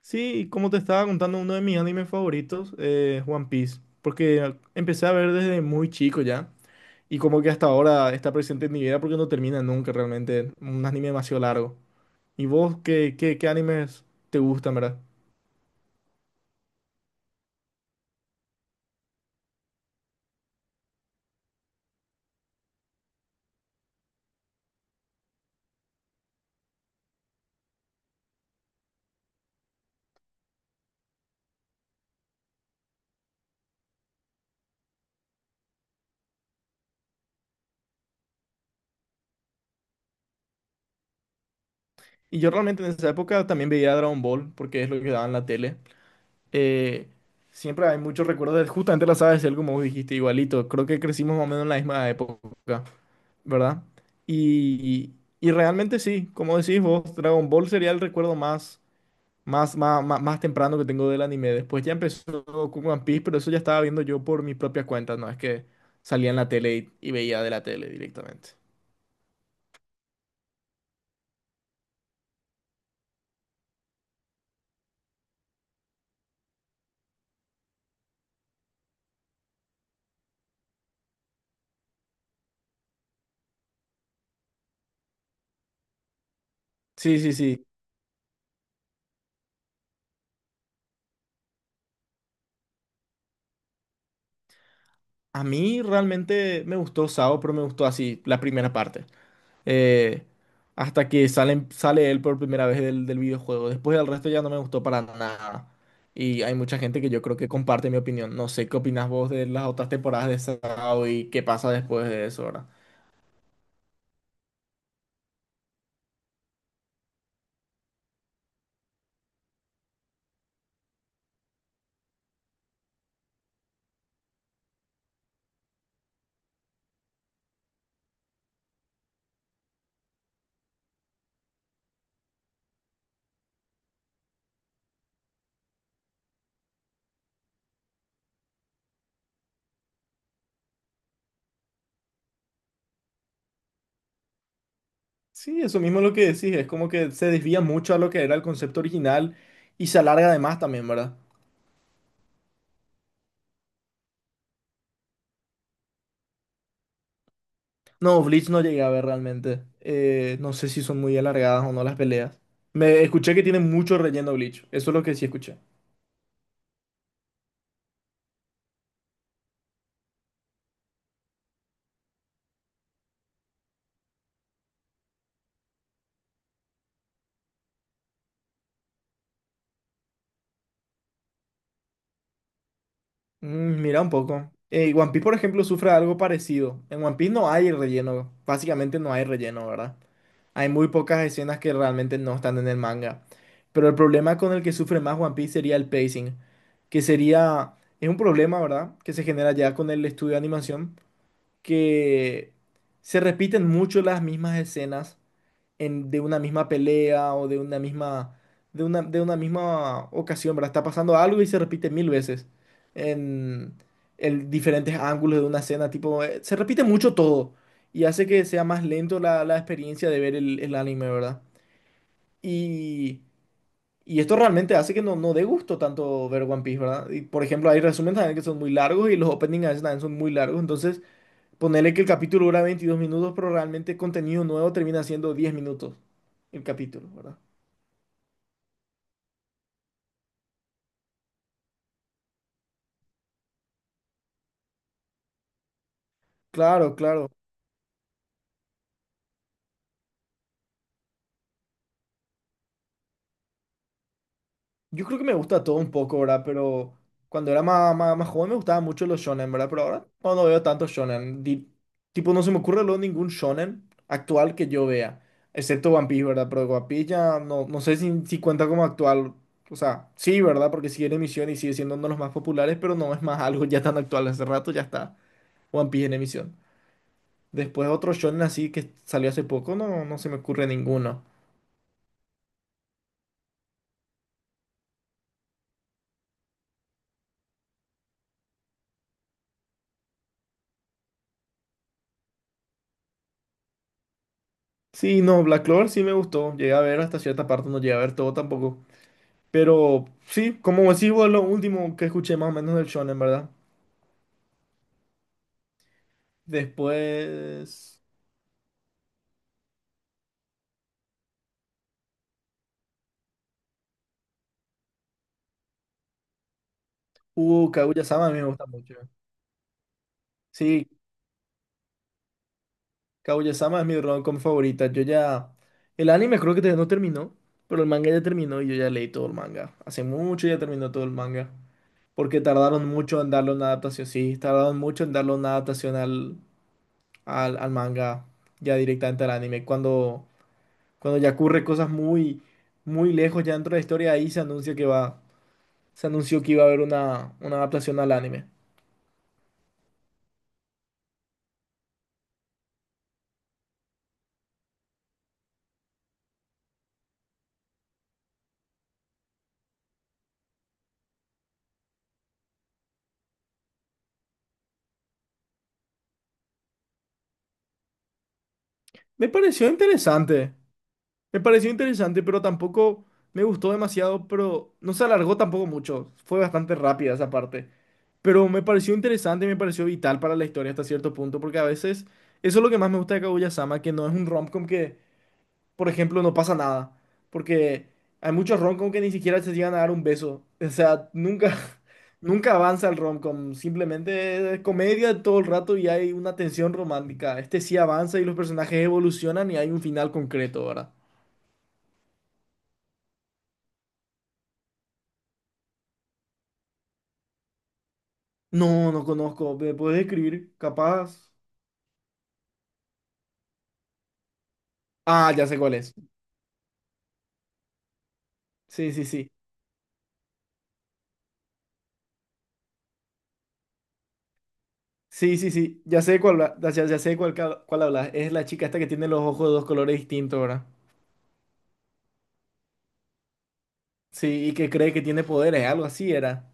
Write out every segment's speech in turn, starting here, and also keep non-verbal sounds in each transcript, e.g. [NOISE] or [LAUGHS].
Sí, como te estaba contando, uno de mis animes favoritos es One Piece, porque empecé a ver desde muy chico ya, y como que hasta ahora está presente en mi vida porque no termina nunca realmente, un anime demasiado largo. ¿Y vos qué animes te gustan, verdad? Y yo realmente en esa época también veía Dragon Ball, porque es lo que daba en la tele. Eh, Siempre hay muchos recuerdos de justamente la saga de Cell, como vos dijiste, igualito, creo que crecimos más o menos en la misma época. ¿Verdad? Y, y realmente sí, como decís vos, Dragon Ball sería el recuerdo más temprano que tengo del anime. Después ya empezó con One Piece, pero eso ya estaba viendo yo por mi propia cuenta, no es que salía en la tele y veía de la tele directamente. Sí, sí, sí. A mí realmente me gustó Sao, pero me gustó así la primera parte, eh, hasta que sale él por primera vez del videojuego. Después del resto ya no me gustó para nada. Y hay mucha gente que yo creo que comparte mi opinión. No sé qué opinas vos de las otras temporadas de Sao y qué pasa después de eso, ¿verdad? Sí, eso mismo es lo que decís. Es como que se desvía mucho a lo que era el concepto original y se alarga además también, ¿verdad? No, Bleach no llegué a ver realmente. No sé si son muy alargadas o no las peleas. Me escuché que tiene mucho relleno Bleach. Eso es lo que sí escuché. Mm, mira un poco. One Piece, por ejemplo, sufre algo parecido. En One Piece no hay relleno. Básicamente no hay relleno, ¿verdad? Hay muy pocas escenas que realmente no están en el manga. Pero el problema con el que sufre más One Piece sería el pacing. Que sería... Es un problema, ¿verdad? Que se genera ya con el estudio de animación. Que se repiten mucho las mismas escenas de una misma pelea o de una misma, de una misma ocasión, ¿verdad? Está pasando algo y se repite mil veces en, en diferentes ángulos de una escena, tipo, se repite mucho todo y hace que sea más lento la experiencia de ver el anime, ¿verdad? Y, y esto realmente hace que no dé gusto tanto ver One Piece, ¿verdad? Y, por ejemplo, hay resúmenes también que son muy largos y los openings a veces también son muy largos, entonces... Ponele que el capítulo dura 22 minutos, pero realmente contenido nuevo termina siendo 10 minutos el capítulo, ¿verdad? Claro, claro. Yo creo que me gusta todo un poco, ¿verdad? Pero cuando era más joven me gustaban mucho los shonen, ¿verdad? Pero ahora no veo tanto shonen. Tipo, no se me ocurre luego ningún shonen actual que yo vea, excepto One Piece, ¿verdad? Pero One Piece ya no, no sé si, si cuenta como actual. O sea, sí, ¿verdad? Porque sigue en emisión y sigue siendo uno de los más populares, pero no es más algo ya tan actual. Hace rato ya está One Piece en emisión. Después otro shonen así que salió hace poco, no se me ocurre ninguno. Sí, no, Black Clover sí me gustó. Llegué a ver hasta cierta parte, no llegué a ver todo tampoco. Pero sí, como decís vos, lo último que escuché más o menos del shonen, ¿verdad? Después, Kaguya-sama a mí me gusta mucho. Sí, Kaguya-sama es mi rom-com favorita. Yo ya, el anime creo que todavía no terminó, pero el manga ya terminó y yo ya leí todo el manga. Hace mucho ya terminó todo el manga. Porque tardaron mucho en darle una adaptación, sí, tardaron mucho en darle una adaptación al, al manga, ya directamente al anime. Cuando, cuando ya ocurre cosas muy, muy lejos ya dentro de la historia, ahí se anuncia que va, se anunció que iba a haber una adaptación al anime. Me pareció interesante, me pareció interesante, pero tampoco me gustó demasiado, pero no se alargó tampoco mucho, fue bastante rápida esa parte. Pero me pareció interesante, me pareció vital para la historia hasta cierto punto, porque a veces eso es lo que más me gusta de Kaguya-sama, que no es un romcom que, por ejemplo, no pasa nada. Porque hay muchos romcom que ni siquiera se llegan a dar un beso. O sea, nunca, [LAUGHS] nunca avanza el romcom. Simplemente es comedia todo el rato y hay una tensión romántica. Este sí avanza y los personajes evolucionan y hay un final concreto, ¿verdad? No, no conozco. ¿Me puedes escribir? Capaz. Ah, ya sé cuál es. Sí, sí, sí. Sí, sí, sí. Ya sé cuál, ya, ya sé cuál, cuál hablas. Es la chica esta que tiene los ojos de dos colores distintos, ¿verdad? Sí, y que cree que tiene poderes, algo así era.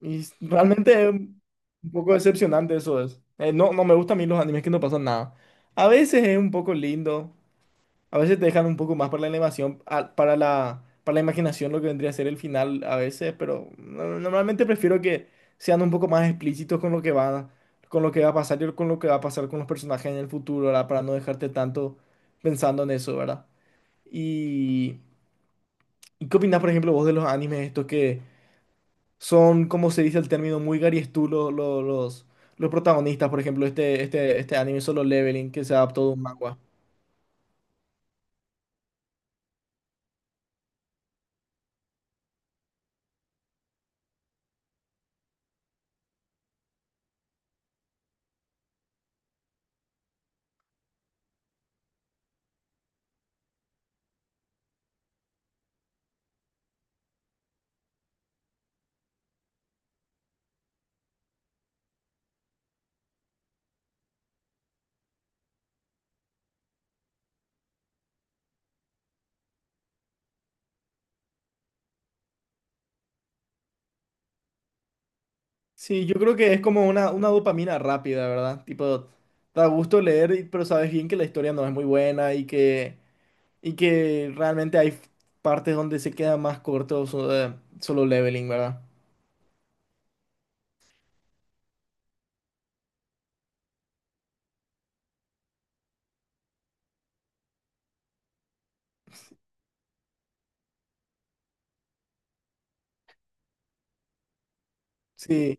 Realmente es un poco decepcionante eso es. No, no me gustan a mí los animes que no pasan nada. A veces es un poco lindo, a veces te dejan un poco más para la animación, para para la imaginación lo que vendría a ser el final a veces, pero normalmente prefiero que sean un poco más explícitos con lo que va, con lo que va a pasar y con lo que va a pasar con los personajes en el futuro, ¿verdad? Para no dejarte tanto pensando en eso, ¿verdad? Y, ¿Y qué opinas, por ejemplo, vos de los animes estos que son, como se dice el término, muy Gary's tú los protagonistas, por ejemplo, este anime Solo Leveling que se adaptó de un manga. Sí, yo creo que es como una dopamina rápida, ¿verdad? Tipo, da gusto leer, pero sabes bien que la historia no es muy buena y que realmente hay partes donde se queda más corto Solo Leveling, ¿verdad? Sí,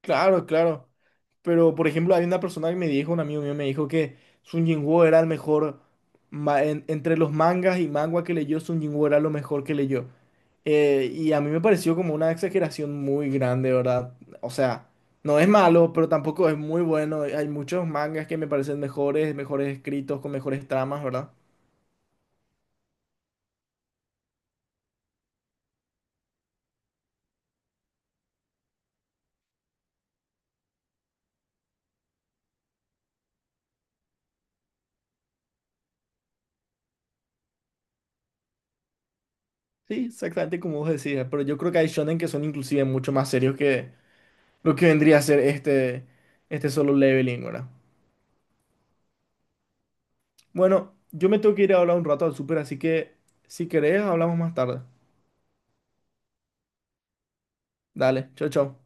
claro, claro. Pero, por ejemplo, hay una persona que me dijo, un amigo mío me dijo que Sun Jinwoo era el mejor, entre los mangas y manga que leyó, Sun Jinwoo era lo mejor que leyó. Y a mí me pareció como una exageración muy grande, ¿verdad? O sea, no es malo, pero tampoco es muy bueno. Hay muchos mangas que me parecen mejores, mejores escritos, con mejores tramas, ¿verdad? Sí, exactamente como vos decías, pero yo creo que hay shonen que son inclusive mucho más serios que lo que vendría a ser este Solo Leveling, ¿verdad? Bueno, yo me tengo que ir a hablar un rato al súper, así que si querés, hablamos más tarde. Dale, chao, chao.